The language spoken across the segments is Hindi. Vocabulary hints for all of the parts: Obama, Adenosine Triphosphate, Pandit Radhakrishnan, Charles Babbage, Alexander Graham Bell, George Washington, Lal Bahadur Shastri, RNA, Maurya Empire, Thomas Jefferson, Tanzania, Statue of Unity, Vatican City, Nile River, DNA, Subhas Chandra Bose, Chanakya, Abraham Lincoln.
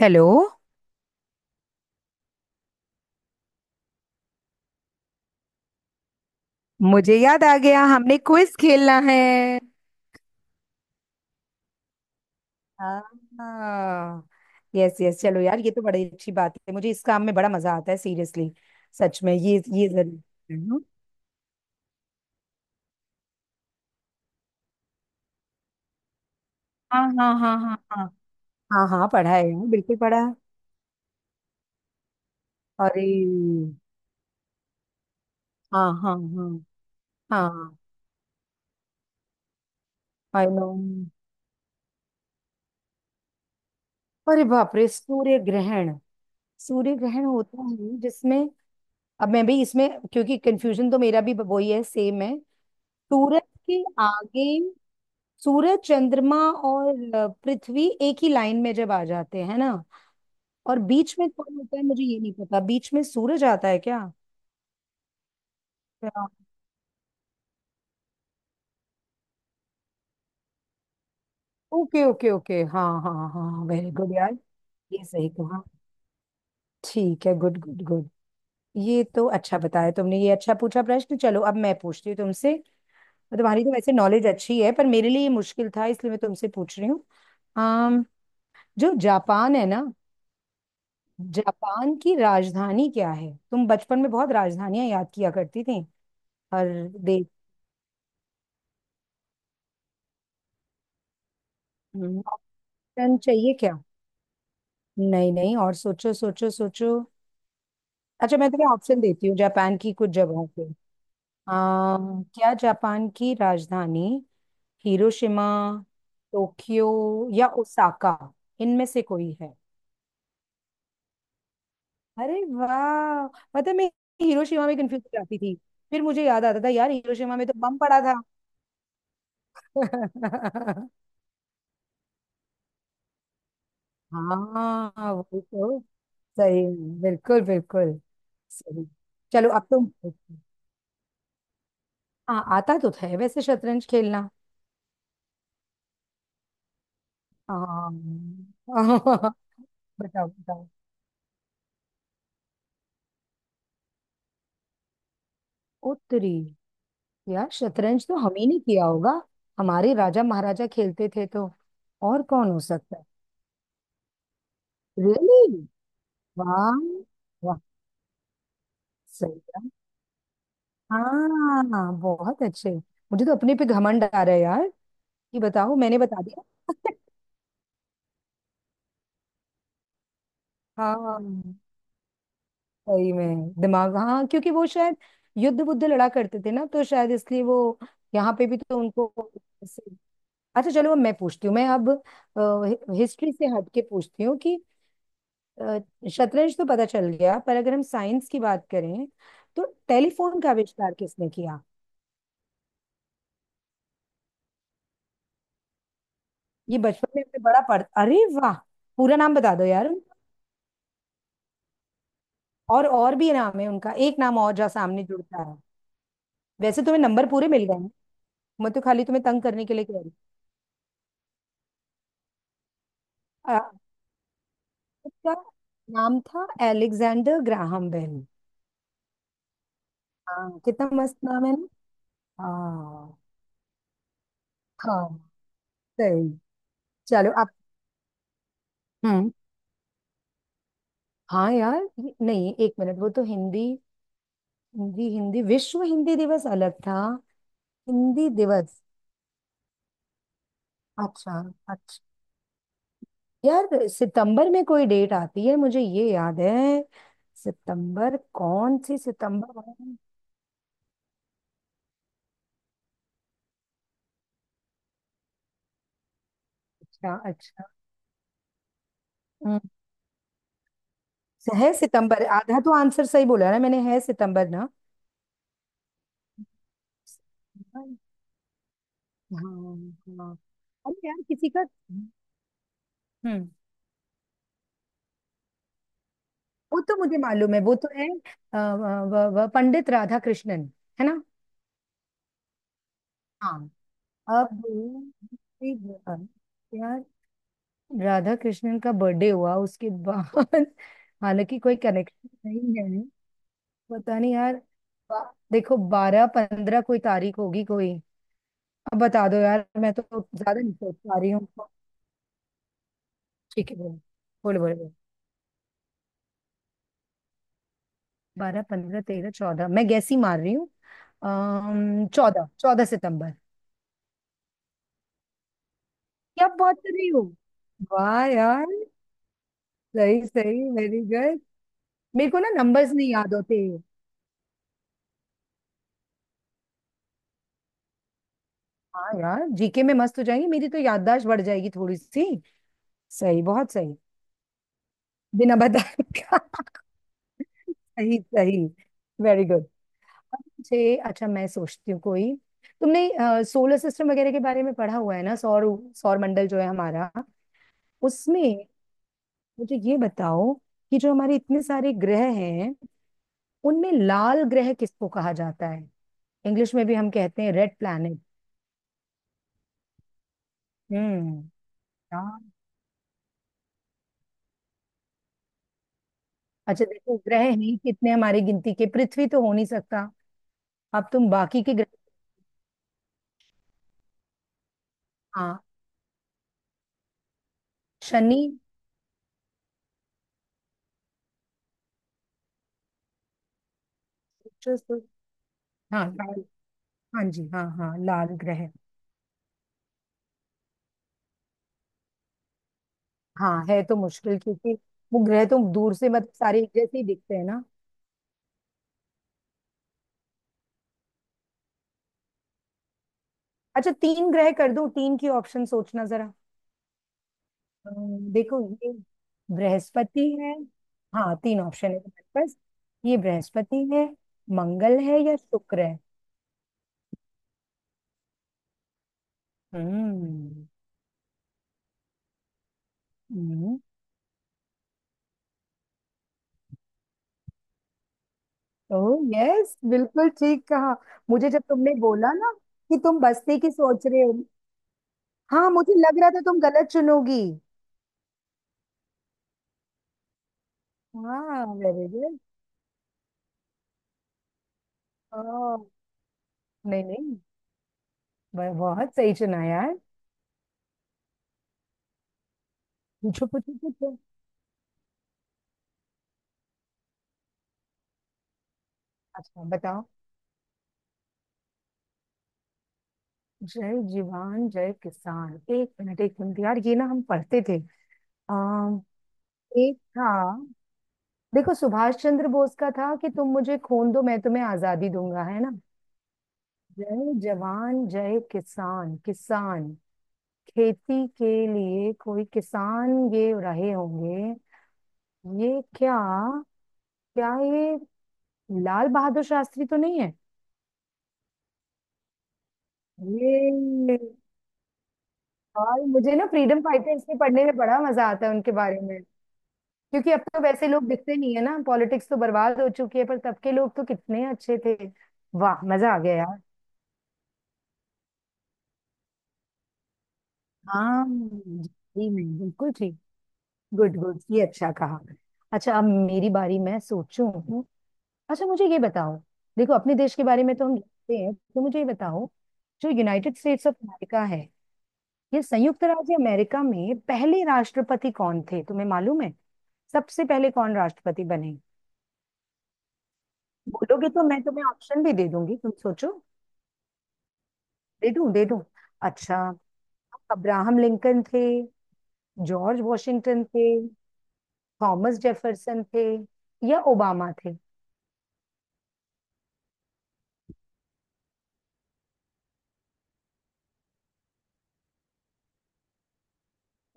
हेलो। मुझे याद आ गया, हमने क्विज खेलना है। हाँ, यस यस, चलो यार, ये तो बड़ी अच्छी बात है। मुझे इस काम में बड़ा मजा आता है, सीरियसली, सच में। ये जरूर है। हाँ हाँ हाँ हाँ हाँ। हाँ हाँ, पढ़ा है यार, बिल्कुल पढ़ा है। अरे, हाँ हाँ हाँ हाँ। I know. अरे बाप रे, सूर्य ग्रहण। सूर्य ग्रहण होता है जिसमें, अब मैं भी इसमें, क्योंकि कंफ्यूजन तो मेरा भी वही है, सेम है। सूरज के आगे सूरज चंद्रमा और पृथ्वी एक ही लाइन में जब आ जाते हैं ना, और बीच में कौन होता है, मुझे ये नहीं पता। बीच में सूरज आता है क्या? ओके ओके ओके, हाँ हाँ हाँ हाँ, हाँ, वेरी गुड यार। ये सही कहा। ठीक है, गुड गुड गुड। ये तो अच्छा बताया तुमने, ये अच्छा पूछा प्रश्न। चलो अब मैं पूछती हूँ तुमसे। तुम्हारी तो वैसे नॉलेज अच्छी है, पर मेरे लिए ये मुश्किल था, इसलिए मैं तुमसे पूछ रही हूँ। अम, जो जापान है ना, जापान की राजधानी क्या है? तुम बचपन में बहुत राजधानियां याद किया करती थी हर देश। हम्म, ऑप्शन चाहिए क्या? नहीं नहीं, और सोचो सोचो सोचो। अच्छा मैं तुम्हें ऑप्शन देती हूँ जापान की कुछ जगहों के। आ, क्या जापान की राजधानी हिरोशिमा, टोक्यो या ओसाका? इनमें से कोई है? अरे वाह! पता है, मैं हिरोशिमा में कंफ्यूज हो जाती थी, फिर मुझे याद आता था यार हिरोशिमा में तो बम पड़ा था। हाँ वही तो। सही, बिल्कुल बिल्कुल। सही। चलो अब तुम पूछो। हाँ, आता तो है वैसे शतरंज खेलना। हाँ बताओ बताओ। उत्तरी। यार शतरंज तो हम ही नहीं किया होगा, हमारे राजा महाराजा खेलते थे तो और कौन हो सकता है? रियली, वाह वाह। सही है। हाँ, बहुत अच्छे। मुझे तो अपने पे घमंड आ रहा है यार, कि बताओ मैंने बता दिया। हाँ, सही में दिमाग, हाँ क्योंकि वो शायद युद्ध बुद्ध लड़ा करते थे ना, तो शायद इसलिए वो यहाँ पे भी तो उनको। अच्छा चलो अब मैं पूछती हूँ, मैं अब हिस्ट्री से हट के पूछती हूँ कि अ, शतरंज तो पता चल गया, पर अगर हम साइंस की बात करें तो टेलीफोन का आविष्कार किसने किया? ये बचपन में हमने बड़ा पढ़, अरे वाह। पूरा नाम बता दो यार। और भी नाम है उनका, एक नाम और जहाँ सामने जुड़ता है। वैसे तुम्हें नंबर पूरे मिल गए हैं, मैं तो खाली तुम्हें तंग करने के लिए कह रही हूँ। उसका नाम था एलेक्जेंडर ग्राहम बेल। हाँ कितना मस्त नाम है ना। हाँ हाँ, सही। चलो, आप। हाँ यार ये, नहीं एक मिनट, वो तो हिंदी, हिंदी हिंदी विश्व हिंदी दिवस अलग था। हिंदी दिवस, अच्छा अच्छा। यार सितंबर में कोई डेट आती है मुझे ये याद है। सितंबर कौन सी सितंबर है? अच्छा अच्छा। हम्म, है सितंबर, आधा तो आंसर सही बोला ना मैंने, है सितंबर ना। हाँ हाँ। अरे यार किसी का। हम्म, वो तो मुझे मालूम है, वो तो है पंडित राधा कृष्णन है ना। अब फिर यार राधा कृष्णन का बर्थडे हुआ उसके बाद। हालांकि कोई कनेक्शन नहीं है। पता नहीं यार। बा- देखो बारह पंद्रह कोई तारीख होगी कोई, अब बता दो यार, मैं तो ज्यादा नहीं सोच पा रही हूँ। ठीक है बोलो, बोलो बोलो बोलो। बारह पंद्रह तेरह चौदह, मैं गैस ही मार रही हूँ। चौदह, चौदह सितंबर। क्या बात कर रही हो! वाह यार! सही सही, वेरी गुड। मेरे को ना नंबर्स नहीं याद होते। हाँ यार जीके में मस्त हो जाएंगे, मेरी तो याददाश्त बढ़ जाएगी थोड़ी सी। सही, बहुत सही। बिना बताए क्या? सही सही, वेरी गुड। मुझे अच्छा, मैं सोचती हूँ कोई। तुमने सोलर सिस्टम वगैरह के बारे में पढ़ा हुआ है ना, सौर सौर मंडल जो है हमारा, उसमें मुझे ये बताओ कि जो हमारे इतने सारे ग्रह हैं, उनमें लाल ग्रह किसको कहा जाता है? इंग्लिश में भी हम कहते हैं रेड प्लैनेट। हम्म। अच्छा देखो, ग्रह हैं ही कितने हमारी गिनती के, पृथ्वी तो हो नहीं सकता, अब तुम बाकी के ग्रह। हाँ। शनि। शुक्र, हाँ लाल, हाँ जी हाँ हाँ लाल ग्रह। हाँ है तो मुश्किल, क्योंकि वो ग्रह तो दूर से मतलब सारे एक जैसे ही दिखते हैं ना। अच्छा तीन ग्रह कर दो, तीन की ऑप्शन सोचना जरा। देखो, ये बृहस्पति है, हाँ तीन ऑप्शन है तुम्हारे पास। ये बृहस्पति है, मंगल है या शुक्र है। हम्म हम्म, ओह यस, बिल्कुल ठीक कहा। मुझे जब तुमने बोला ना कि तुम बस्ती की सोच रहे हो, हाँ मुझे लग रहा था तुम गलत चुनोगी। हाँ, वेरी गुड। ओह नहीं नहीं, बहुत सही चुना यार। पूछो पूछो पूछो। अच्छा बताओ। जय जवान जय किसान, एक मिनट यार, ये ना हम पढ़ते थे। आ, एक था, देखो सुभाष चंद्र बोस का था कि तुम मुझे खून दो मैं तुम्हें आजादी दूंगा, है ना। जय जवान जय किसान, किसान खेती के लिए, कोई किसान ये रहे होंगे। ये क्या, क्या ये लाल बहादुर शास्त्री तो नहीं है? ये, और मुझे ना फ्रीडम फाइटर्स के पढ़ने में बड़ा मजा आता है, उनके बारे में। क्योंकि अब तो वैसे लोग दिखते नहीं है ना, पॉलिटिक्स तो बर्बाद हो चुकी है, पर तब के लोग तो कितने अच्छे थे। वाह, मजा आ गया यार। हाँ जी, मैं बिल्कुल ठीक। गुड गुड, ये अच्छा कहा। अच्छा अब मेरी बारी, मैं सोचूं। अच्छा मुझे ये बताओ, देखो अपने देश के बारे में तो हम जानते हैं, तो मुझे ये बताओ जो यूनाइटेड स्टेट्स ऑफ अमेरिका है, ये संयुक्त राज्य अमेरिका में पहले राष्ट्रपति कौन थे? तुम्हें मालूम है सबसे पहले कौन राष्ट्रपति बने? बोलोगे तो मैं तुम्हें ऑप्शन भी दे दूंगी, तुम सोचो। दे दूं दे दूं? अच्छा, अब्राहम लिंकन थे, जॉर्ज वॉशिंगटन थे, थॉमस जेफरसन थे, या ओबामा थे।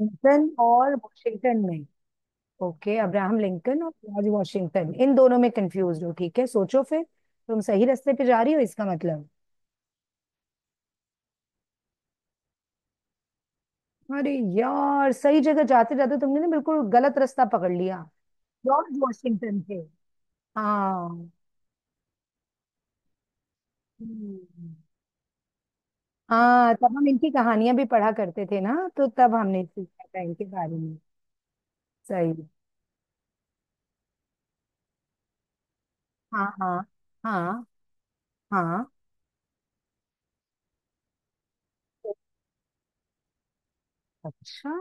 लिंकन और वॉशिंगटन में, ओके अब्राहम लिंकन और जॉर्ज वॉशिंगटन इन दोनों में कंफ्यूज हो, ठीक है सोचो फिर। तुम सही रास्ते पे जा रही हो इसका मतलब। अरे यार, सही जगह जाते जाते तुमने ना बिल्कुल गलत रास्ता पकड़ लिया। जॉर्ज वॉशिंगटन थे। हाँ। हम्म। हाँ तब हम इनकी कहानियां भी पढ़ा करते थे ना, तो तब हमने सीखा था इनके बारे में। सही। हाँ हाँ हाँ हाँ। अच्छा,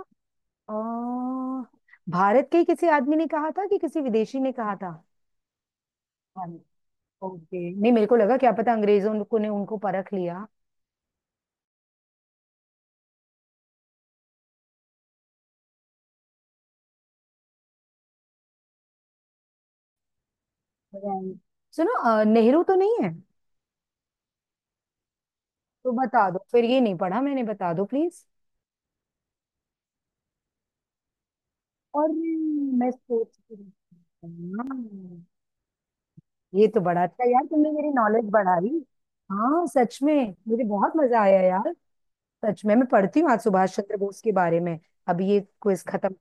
और भारत के ही किसी आदमी ने कहा था कि किसी विदेशी ने कहा था? ओके, नहीं मेरे को लगा क्या पता अंग्रेजों को ने उनको परख लिया। Right. सुनो, नेहरू तो नहीं है? तो बता दो फिर, ये नहीं पढ़ा मैंने, बता दो प्लीज। और मैं सोच रही थी, हाँ, ये तो बड़ा अच्छा यार, तुमने मेरी नॉलेज बढ़ाई। हाँ सच में। मुझे बहुत मजा आया यार, सच में। मैं पढ़ती हूँ आज सुभाष चंद्र बोस के बारे में। अब ये क्विज खत्म।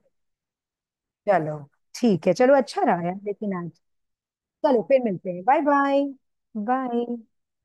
चलो ठीक है, चलो अच्छा रहा यार, लेकिन आज चलो फिर मिलते हैं, बाय बाय। बाय।